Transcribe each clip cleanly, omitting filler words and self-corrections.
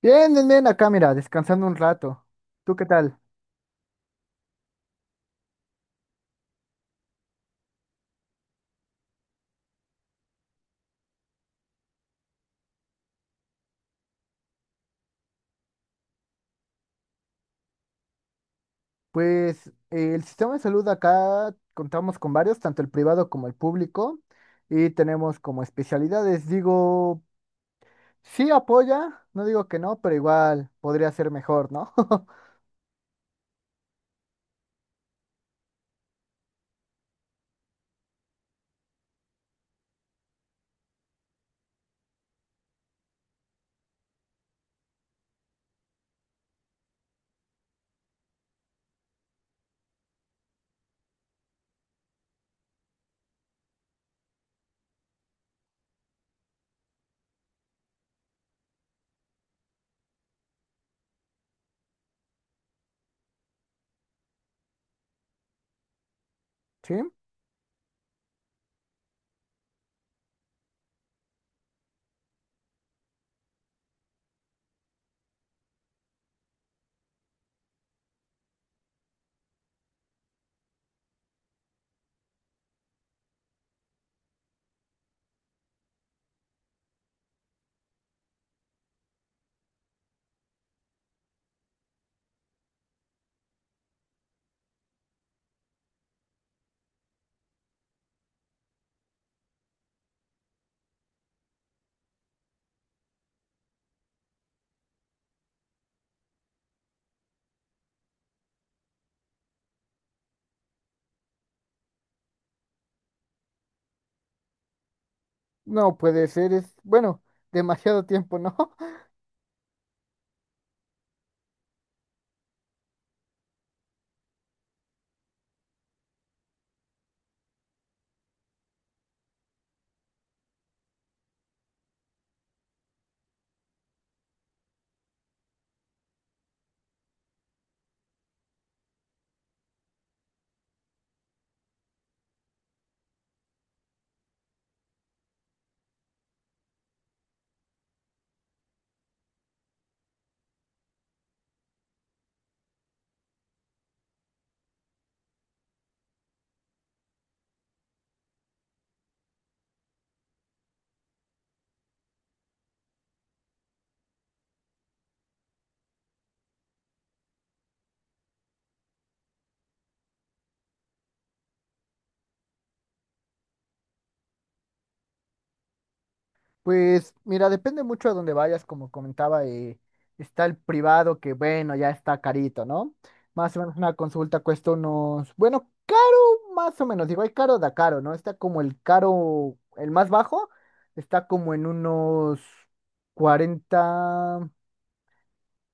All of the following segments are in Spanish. Bien, bien, bien, acá mira, descansando un rato. ¿Tú qué tal? Pues el sistema de salud acá contamos con varios, tanto el privado como el público, y tenemos como especialidades. Digo, sí apoya, no digo que no, pero igual podría ser mejor, ¿no? ¿Sí? No puede ser, es, bueno, demasiado tiempo, ¿no? Pues mira, depende mucho a dónde vayas, como comentaba, está el privado que bueno, ya está carito, ¿no? Más o menos una consulta cuesta unos, bueno, caro, más o menos, digo, hay caro da caro, ¿no? Está como el caro, el más bajo, está como en unos 40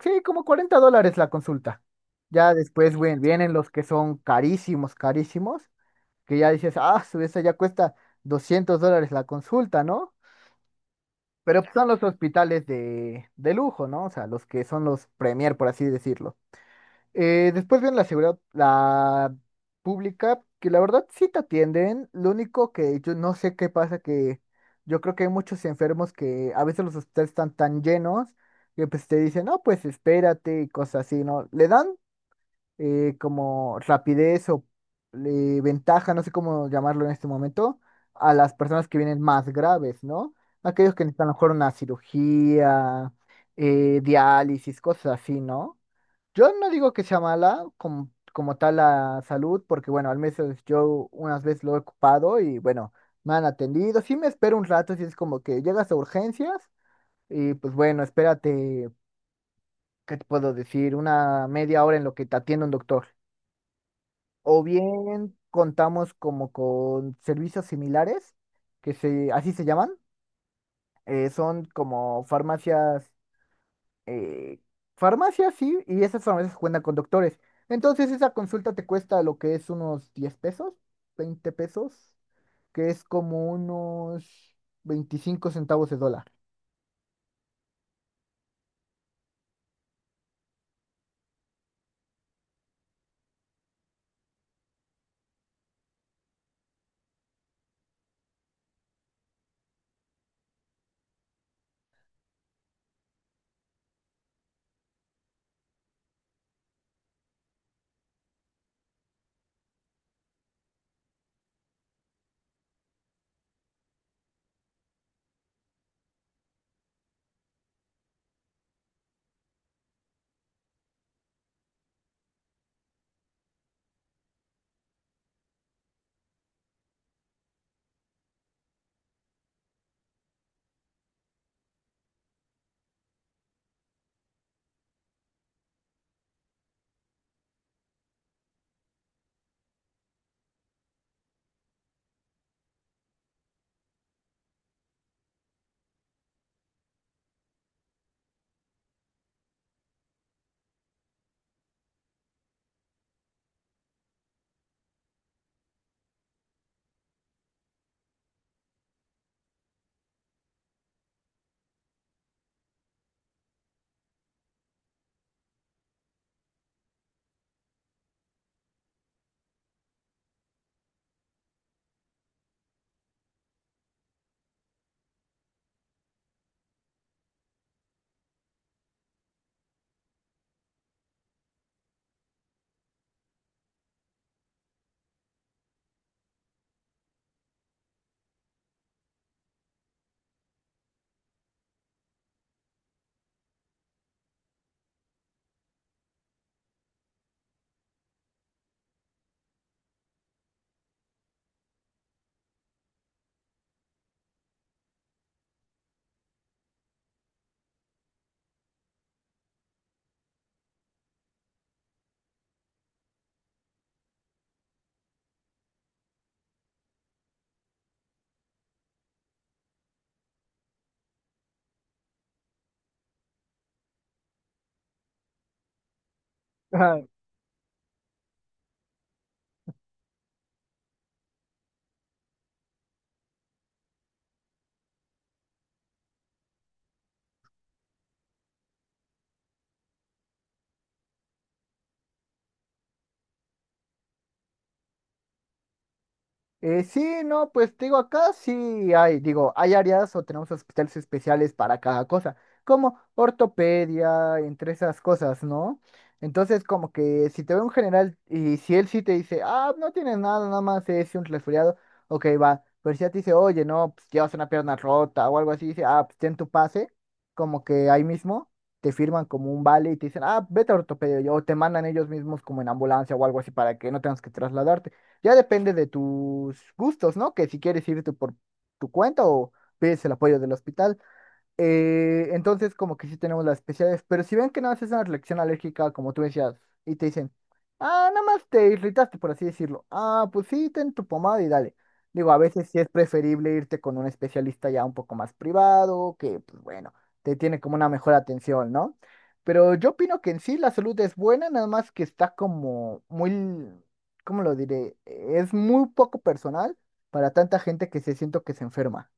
sí, como 40 dólares la consulta. Ya después, bueno, vienen los que son carísimos, carísimos, que ya dices, ah, su esa ya cuesta 200 dólares la consulta, ¿no? Pero son los hospitales de lujo, ¿no? O sea, los que son los premier, por así decirlo. Después viene la seguridad, la pública, que la verdad sí te atienden. Lo único que yo no sé qué pasa, que yo creo que hay muchos enfermos que a veces los hospitales están tan llenos que pues te dicen, no, pues espérate y cosas así, ¿no? Le dan como rapidez o ventaja, no sé cómo llamarlo en este momento, a las personas que vienen más graves, ¿no? Aquellos que necesitan a lo mejor una cirugía, diálisis, cosas así, ¿no? Yo no digo que sea mala como, como tal la salud, porque bueno, al menos yo unas veces lo he ocupado y bueno, me han atendido. Sí me espero un rato, si es como que llegas a urgencias y pues bueno, espérate, ¿qué te puedo decir? Una media hora en lo que te atiende un doctor. O bien contamos como con servicios similares, así se llaman. Son como farmacias, eh, sí, y esas farmacias cuentan con doctores. Entonces esa consulta te cuesta lo que es unos 10 pesos, 20 pesos, que es como unos 25 centavos de dólar. Sí, no, pues te digo, acá sí hay, digo, hay áreas o tenemos hospitales especiales para cada cosa, como ortopedia, entre esas cosas, ¿no? Entonces, como que si te ve un general y si él sí te dice, ah, no tienes nada, nada más es un resfriado, ok, va, pero si ya te dice, oye, no, pues llevas una pierna rota o algo así, dice, ah, pues ten tu pase, como que ahí mismo te firman como un vale y te dicen, ah, vete a ortopedia, o te mandan ellos mismos como en ambulancia o algo así para que no tengas que trasladarte. Ya depende de tus gustos, ¿no? Que si quieres irte por tu cuenta o pides el apoyo del hospital. Entonces, como que sí tenemos las especialidades, pero si ven que nada más es una reacción alérgica, como tú decías, y te dicen, ah, nada más te irritaste, por así decirlo. Ah, pues sí, ten tu pomada y dale. Digo, a veces sí es preferible irte con un especialista ya un poco más privado, que, pues bueno, te tiene como una mejor atención, ¿no? Pero yo opino que en sí la salud es buena, nada más que está como muy, ¿cómo lo diré? Es muy poco personal para tanta gente que se siento que se enferma.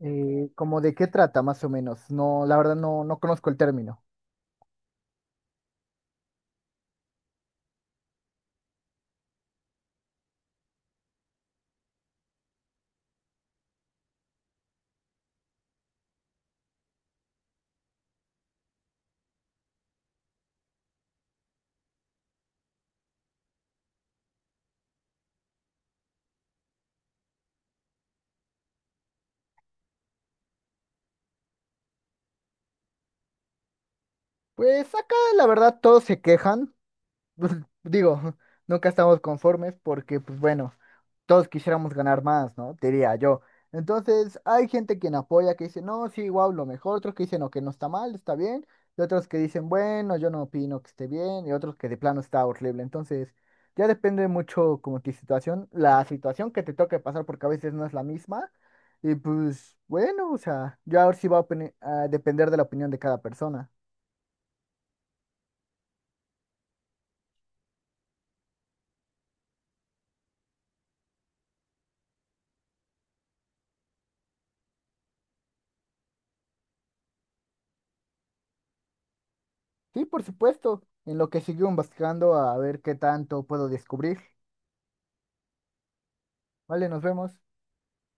¿Cómo de qué trata, más o menos? No, la verdad no, no conozco el término. Pues acá, la verdad, todos se quejan. Pues, digo, nunca estamos conformes porque, pues bueno, todos quisiéramos ganar más, ¿no? Diría yo. Entonces, hay gente quien apoya, que dice, no, sí, wow, lo mejor, otros que dicen, no, que no está mal, está bien, y otros que dicen, bueno, yo no opino que esté bien, y otros que de plano está horrible. Entonces, ya depende mucho como tu situación, la situación que te toque pasar, porque a veces no es la misma, y pues bueno, o sea, ya ahora sí va a depender de la opinión de cada persona. Sí, por supuesto, en lo que sigo investigando a ver qué tanto puedo descubrir. Vale, nos vemos.